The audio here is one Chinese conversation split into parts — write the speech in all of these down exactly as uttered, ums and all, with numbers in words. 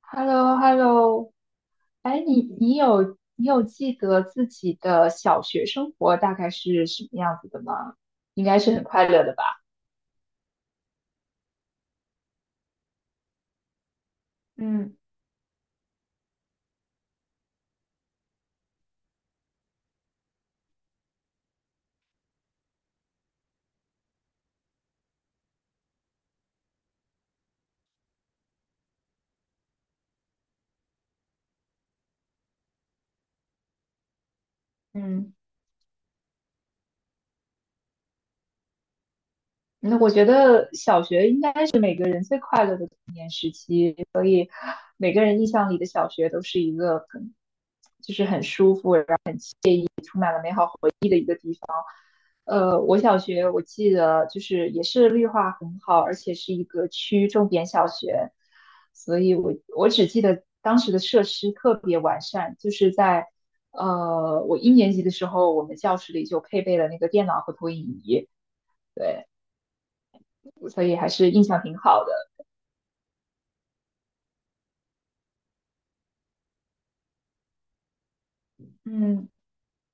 h e l l o h e l l o 哎，你你有你有记得自己的小学生活大概是什么样子的吗？应该是很快乐的吧？嗯嗯，那我觉得小学应该是每个人最快乐的童年时期，所以每个人印象里的小学都是一个很，就是很舒服。呃，我小学我记得就是也是绿化很好，而且是一个区重点小学，所以我我只记得当时的设施特别完善，就是在呃我一年级的时候，我们教室里就配备了那个电脑和投影仪，对，所以还是印象挺好的。嗯，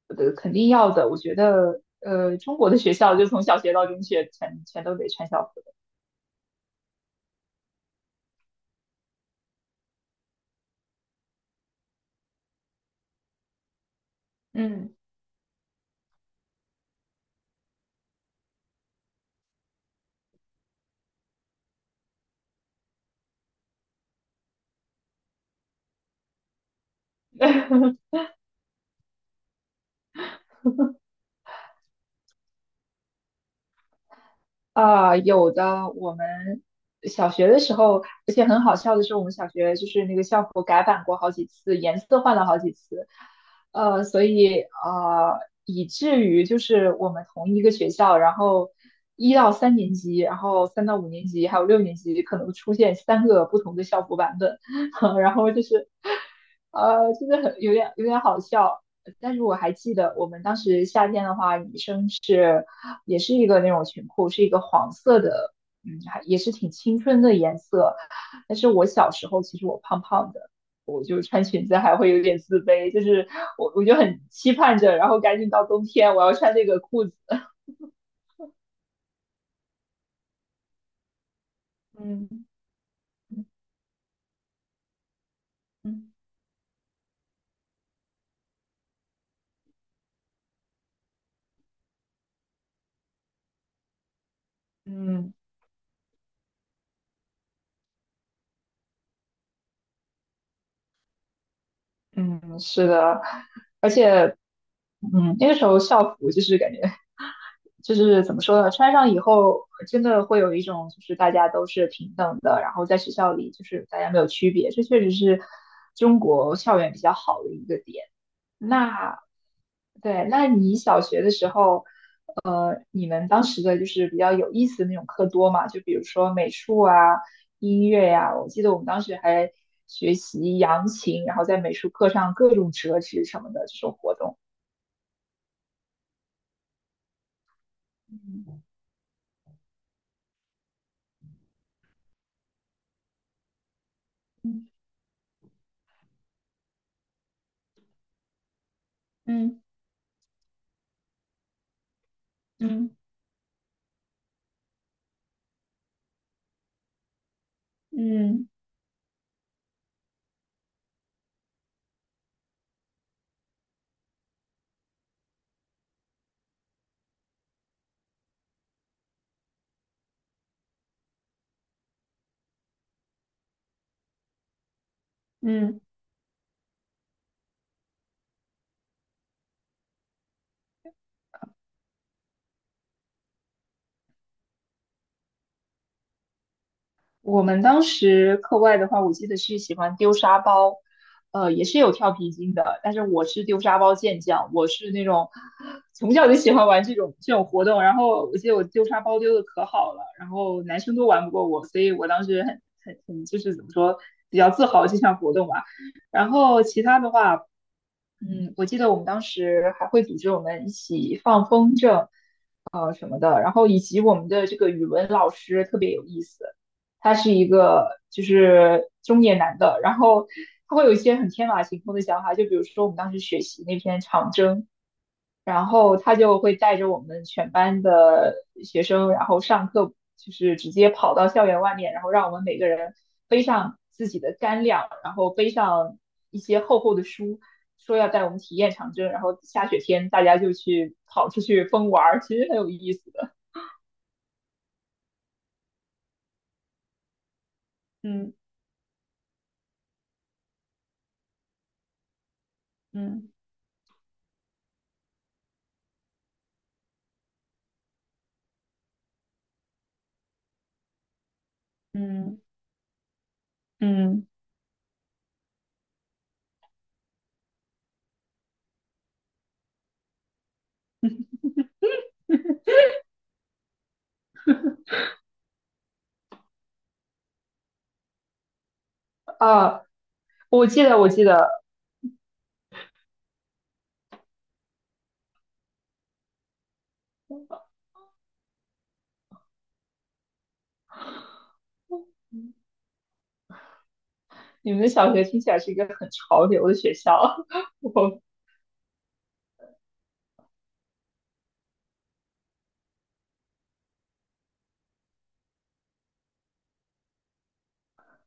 呃，肯定要的，我觉得呃中国的学校就从小学到中学全全都得穿校服的。嗯，啊，有的。我们小学的时候，而且很好笑的是，我们小学就是那个校服改版过好几次，颜色换了好几次，呃，所以呃，以至于就是我们同一个学校，然后一到三年级，然后三到五年级，还有六年级，可能出现三个不同的校服版本，然后就是，呃，真的很有点有点好笑。但是我还记得，我们当时夏天的话，女生。是。也是一个那种裙裤，是一个黄色的，嗯，还也是挺青春的颜色。但是我小时候其实我胖胖的，我就穿裙子还会有点自卑，就是我我就很期盼着，然后赶紧到冬天我要穿那个裤子。嗯嗯嗯嗯，是的，而且嗯那个时候校服就是感觉就是怎么说呢，穿上以后真的会有一种就是大家都是平等的，然后在学校里就是大家没有区别，这确实是中国校园比较好的一个点。那对，那你小学的时候，呃，你们当时的就是比较有意思的那种课多嘛？就比如说美术啊、音乐呀、我记得我们当时还学习扬琴，然后在美术课上各种折纸什么的这种活动。嗯嗯嗯嗯嗯。我们当时课外的话，我记得是喜欢丢沙包，呃，也是有跳皮筋的，但是我是丢沙包健将，我是那种从小就喜欢玩这种这种活动。然后我记得我丢沙包丢的可好了，然后男生都玩不过我，所以我当时很很很就是怎么说，比较自豪这项活动吧。然后其他的话，嗯，我记得我们当时还会组织我们一起放风筝，呃什么的，然后以及我们的这个语文老师特别有意思，他是一个就是中年男的，然后他会有一些很天马行空的想法，就比如说我们当时学习那篇长征，然后他就会带着我们全班的学生，然后上课就是直接跑到校园外面，然后让我们每个人背上自己的干粮，然后背上一些厚厚的书。说要带我们体验长征，然后下雪天大家就去跑出去疯玩儿，其实很有意思。嗯嗯嗯嗯啊！我记得，我记得，你们的小学听起来是一个很潮流的学校。我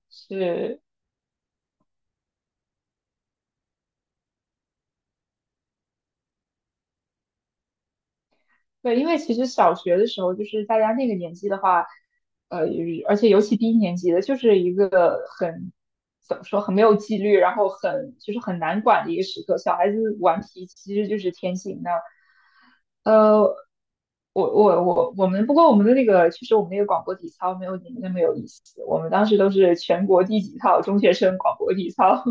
是，对，因为其实小学的时候，就是大家那个年纪的话，呃，而且尤其低年级的，就是一个很怎么说，很没有纪律，然后很就是很难管的一个时刻。小孩子顽皮其实就是天性那，呃，我我我我们不过我们的那个，其实我们那个广播体操没有你们那么有意思。我们当时都是全国第几套中学生广播体操。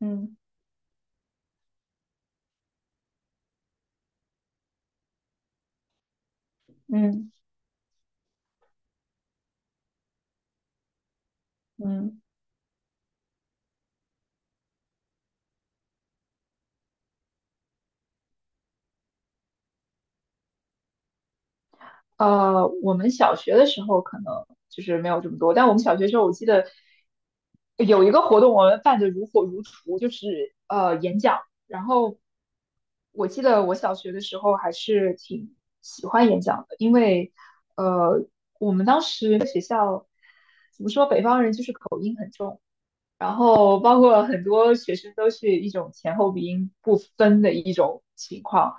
嗯嗯嗯。呃，我们小学的时候可能就是没有这么多，但我们小学的时候我记得有一个活动，我们办得如火如荼，就是呃演讲。然后我记得我小学的时候还是挺喜欢演讲的，因为呃我们当时学校怎么说，北方人就是口音很重。然后包括很多学生都是一种前后鼻音不分的一种情况，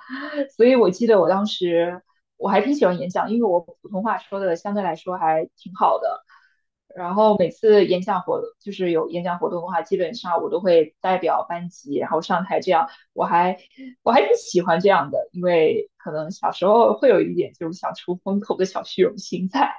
所以我记得我当时我还挺喜欢演讲，因为我普通话说的相对来说还挺好的。然后每次演讲活动就是有演讲活动的话，基本上我都会代表班级然后上台，这样我还我还挺喜欢这样的，因为可能小时候会有一点这种想出风头的小虚荣心在。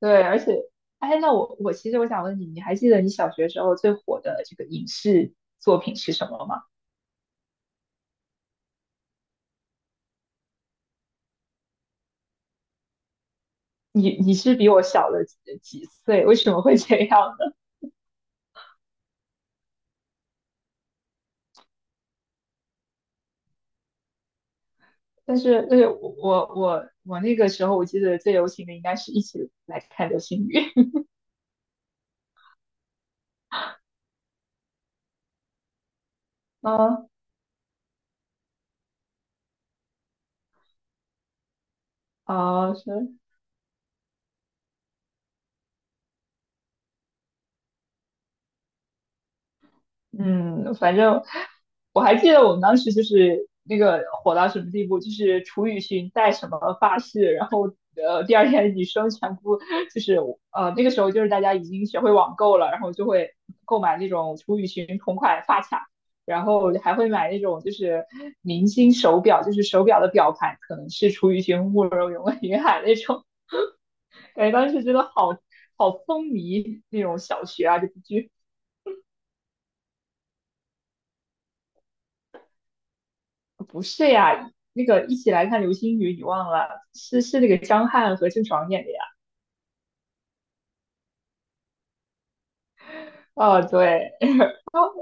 对，而且，哎，那我我其实我想问你，你还记得你小学时候最火的这个影视作品是什么吗？你你是比我小了几几岁？为什么会这样呢？但是但是我我我我那个时候我记得最流行的应该是一起来看流星雨，嗯啊是嗯，反正我还记得我们当时就是那个火到什么地步，就是楚雨荨戴什么发饰，然后呃第二天女生全部就是呃那个时候就是大家已经学会网购了，然后就会购买那种楚雨荨同款发卡，然后还会买那种就是明星手表，就是手表的表盘可能是楚雨荨、慕容云云海那种，感觉当时真的好好风靡那种小学啊这部剧。不是呀，那个一起来看流星雨，你忘了？是是那个张翰和郑爽演的呀。哦，对，然后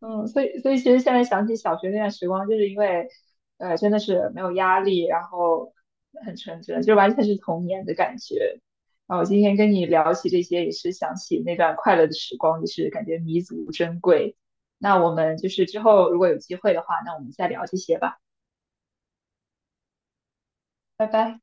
嗯，所以所以其实现在想起小学那段时光，就是因为呃真的是没有压力，然后很纯真，就完全是童年的感觉。啊，我今天跟你聊起这些，也是想起那段快乐的时光，也是感觉弥足珍贵。那我们就是之后如果有机会的话，那我们再聊这些吧，拜拜。